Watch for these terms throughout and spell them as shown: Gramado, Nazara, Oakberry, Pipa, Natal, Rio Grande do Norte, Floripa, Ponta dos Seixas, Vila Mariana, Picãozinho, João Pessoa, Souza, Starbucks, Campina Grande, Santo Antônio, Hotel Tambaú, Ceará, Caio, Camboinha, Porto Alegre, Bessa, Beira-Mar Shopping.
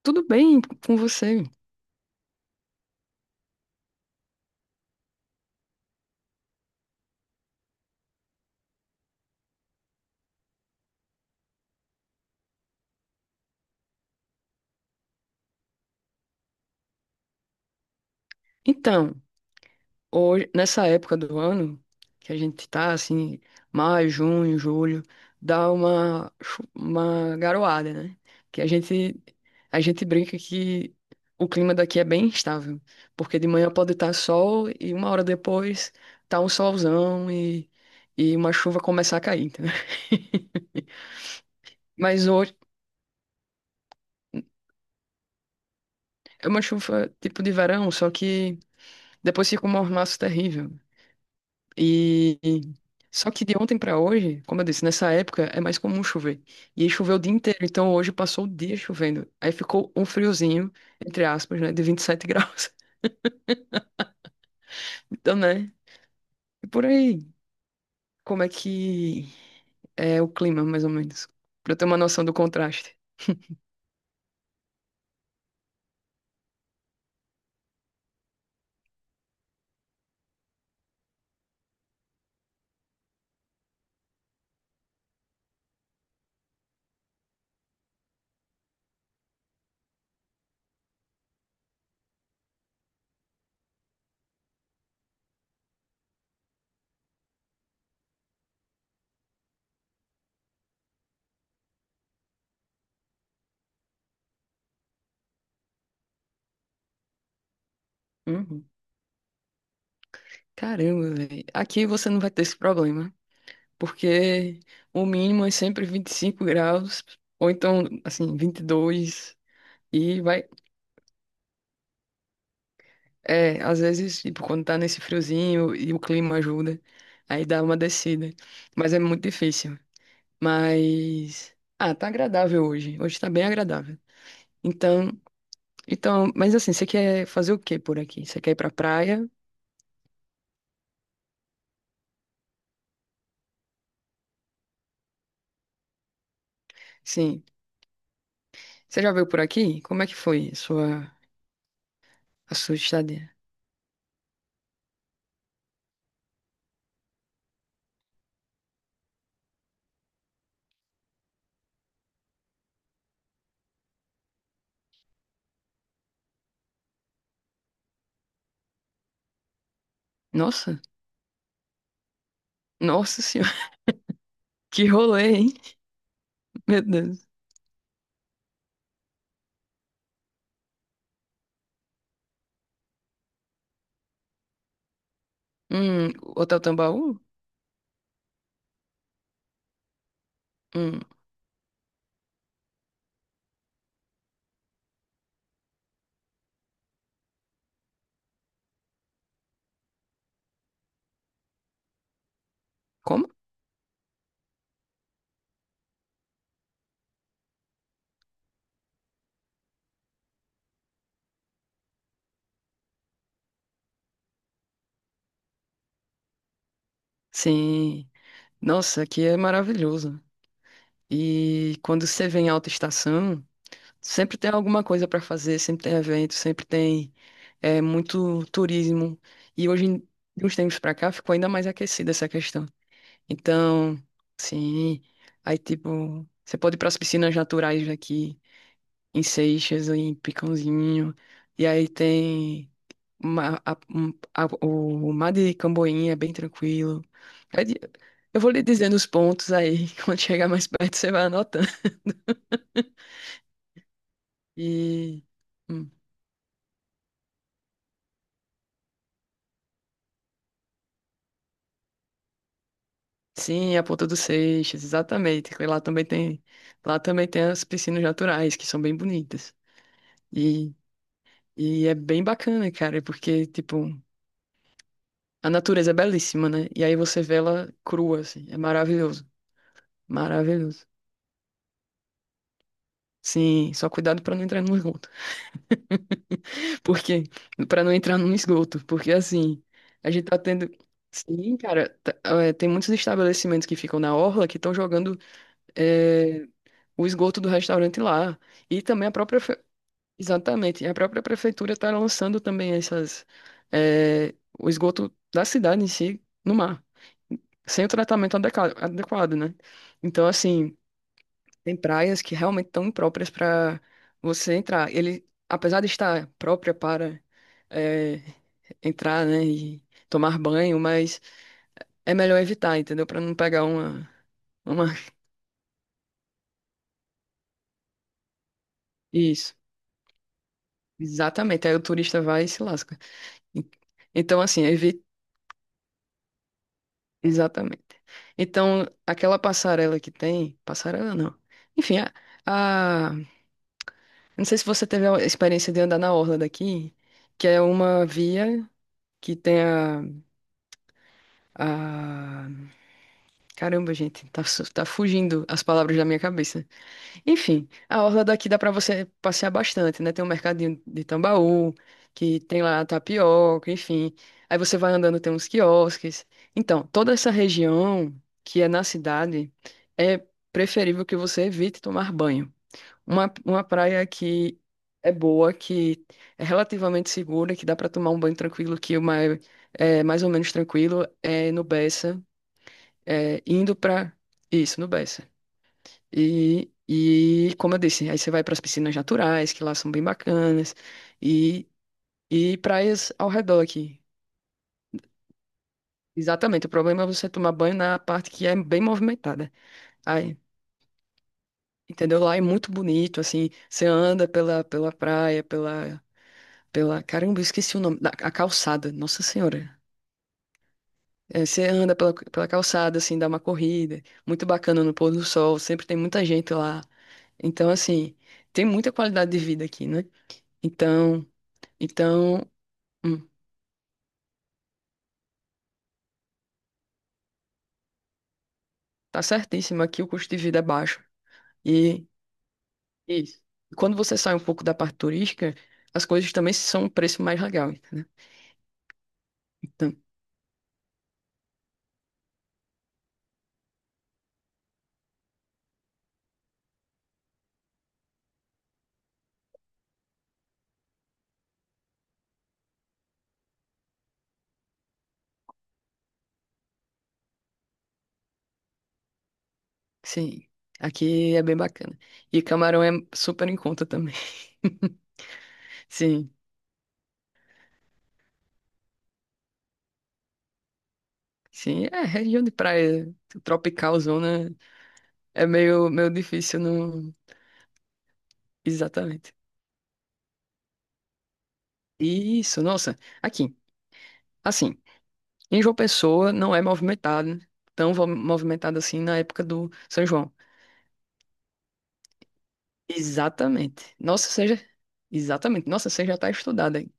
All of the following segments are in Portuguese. Tudo bem com você? Então, hoje, nessa época do ano, que a gente tá assim, maio, junho, julho, dá uma, uma garoada, né? Que a gente brinca que o clima daqui é bem instável, porque de manhã pode estar sol e uma hora depois tá um solzão e uma chuva começar a cair, entendeu? Mas hoje é uma chuva tipo de verão, só que depois fica um mormaço terrível. E só que de ontem pra hoje, como eu disse, nessa época é mais comum chover. E aí choveu o dia inteiro, então hoje passou o dia chovendo. Aí ficou um friozinho, entre aspas, né, de 27 graus. Então, né? E por aí, como é que é o clima, mais ou menos? Pra eu ter uma noção do contraste. Uhum. Caramba, velho. Aqui você não vai ter esse problema, porque o mínimo é sempre 25 graus, ou então, assim, 22 e vai. É, às vezes, tipo, quando tá nesse friozinho e o clima ajuda, aí dá uma descida. Mas é muito difícil. Mas, ah, tá agradável hoje. Hoje tá bem agradável. Então, então, mas assim, você quer fazer o quê por aqui? Você quer ir pra praia? Sim. Você já veio por aqui? Como é que foi a sua estadia? Nossa, nossa senhora, que rolê, hein? Meu Deus. Hum, Hotel Tambaú? Hum, como? Sim. Nossa, aqui é maravilhoso. E quando você vem em alta estação, sempre tem alguma coisa para fazer, sempre tem evento, sempre tem é, muito turismo. E hoje, de uns tempos para cá, ficou ainda mais aquecida essa questão. Então, sim, aí tipo, você pode ir para as piscinas naturais daqui, em Seixas, em Picãozinho, e aí tem o mar de Camboinha, é bem tranquilo. Aí de- Eu vou lhe dizendo os pontos aí, quando chegar mais perto você vai anotando. E hum, sim, é a Ponta dos Seixas, exatamente, que lá também tem, lá também tem as piscinas naturais que são bem bonitas. E, e é bem bacana, cara, porque tipo, a natureza é belíssima, né? E aí você vê ela crua assim, é maravilhoso, maravilhoso. Sim, só cuidado pra não entrar no esgoto. Porque, para não entrar no esgoto, porque assim, a gente tá tendo. Sim, cara, tá- é, tem muitos estabelecimentos que ficam na orla que estão jogando eh, o esgoto do restaurante lá. E também a própria, exatamente, a própria prefeitura está lançando também essas, eh, o esgoto da cidade em si no mar, sem o tratamento adequado, né? Então, assim, tem praias que realmente estão impróprias para você entrar. Ele, apesar de estar própria para, eh, entrar, né, e tomar banho, mas é melhor evitar, entendeu? Para não pegar uma... Isso. Exatamente, aí o turista vai e se lasca. En- Então, assim, evi... Exatamente. Então, aquela passarela que tem, passarela não. Enfim, a, a- não sei se você teve a experiência de andar na orla daqui, que é uma via que tem a... Caramba, gente, tá fugindo as palavras da minha cabeça. Enfim, a orla daqui dá pra você passear bastante, né? Tem um mercadinho de Tambaú, que tem lá tapioca, enfim. Aí você vai andando, tem uns quiosques. Então, toda essa região que é na cidade, é preferível que você evite tomar banho. Uma praia que é boa, que é relativamente segura, que dá pra tomar um banho tranquilo, que o mais, é mais ou menos tranquilo, é no Bessa, é, indo pra... Isso, no Bessa. E como eu disse, aí você vai para as piscinas naturais, que lá são bem bacanas, e, e praias ao redor aqui. Exatamente, o problema é você tomar banho na parte que é bem movimentada. Aí, entendeu? Lá é muito bonito, assim, você anda pela, pela praia, Caramba, eu esqueci o nome, a calçada, Nossa Senhora. É, você anda pela, pela calçada, assim, dá uma corrida, muito bacana no pôr do sol, sempre tem muita gente lá. Então, assim, tem muita qualidade de vida aqui, né? Então... Então, Hum, tá certíssimo. Aqui o custo de vida é baixo. E isso. E quando você sai um pouco da parte turística, as coisas também são um preço mais legal, entendeu? Então, sim, aqui é bem bacana. E camarão é super em conta também. Sim, sim. É, região de praia tropical, zona, é meio, meio difícil, não. Exatamente. Isso, nossa. Aqui, assim, em João Pessoa não é movimentado, tão movimentado assim na época do São João. Exatamente. Nossa, você já... Exatamente. Nossa, você já tá estudada, hein?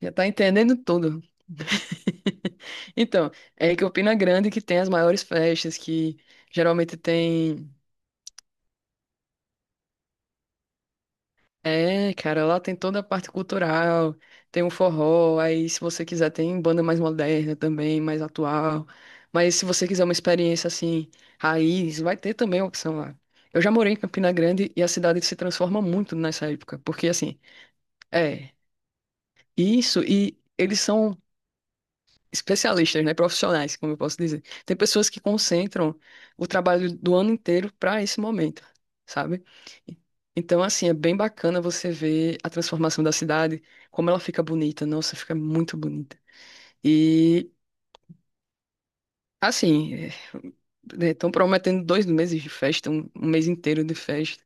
Já tá entendendo tudo. Então, é que Campina Grande que tem as maiores festas, que geralmente tem. É, cara, lá tem toda a parte cultural, tem um forró, aí se você quiser tem banda mais moderna também, mais atual. Mas se você quiser uma experiência assim, raiz, vai ter também a opção lá. Eu já morei em Campina Grande e a cidade se transforma muito nessa época, porque assim. É, isso, e eles são especialistas, né, profissionais, como eu posso dizer. Tem pessoas que concentram o trabalho do ano inteiro para esse momento, sabe? Então, assim, é bem bacana você ver a transformação da cidade, como ela fica bonita, nossa, fica muito bonita. E, assim, estão prometendo 2 meses de festa, um mês inteiro de festa.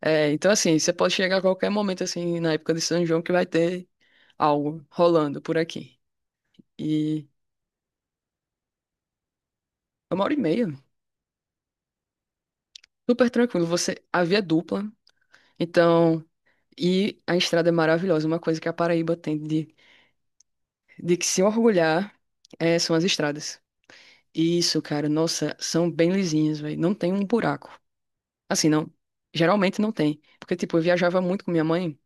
É, então, assim, você pode chegar a qualquer momento, assim, na época de São João, que vai ter algo rolando por aqui. E é 1 hora e meia. Super tranquilo. Você, a via é dupla, então, e a estrada é maravilhosa. Uma coisa que a Paraíba tem de que se orgulhar é, são as estradas. E isso, cara, nossa, são bem lisinhas, velho. Não tem um buraco. Assim, não. Geralmente não tem. Porque, tipo, eu viajava muito com minha mãe,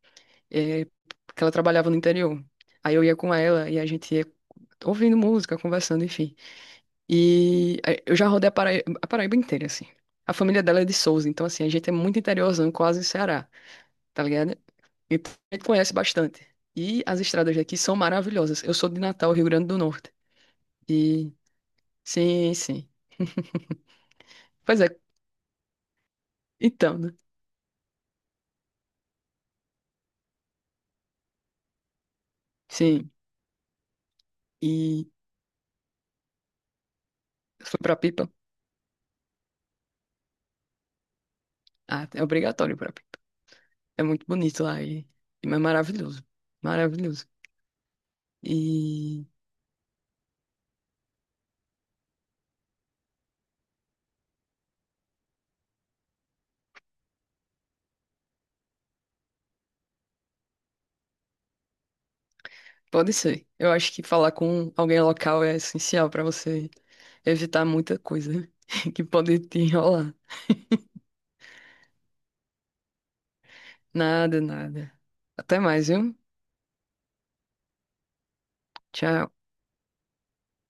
é, porque ela trabalhava no interior. Aí eu ia com ela e a gente ia ouvindo música, conversando, enfim. E é, eu já rodei a Paraíba inteira, assim. A família dela é de Souza, então, assim, a gente é muito interiorzão, quase Ceará, tá ligado? Então, a gente conhece bastante. E as estradas daqui são maravilhosas. Eu sou de Natal, Rio Grande do Norte. E sim, sim. Pois é, então, né? Sim. E fui pra Pipa. Ah, é obrigatório ir pra Pipa. É muito bonito lá e é maravilhoso. Maravilhoso. E pode ser. Eu acho que falar com alguém local é essencial pra você evitar muita coisa que pode te enrolar. Nada, nada. Até mais, viu? Tchau.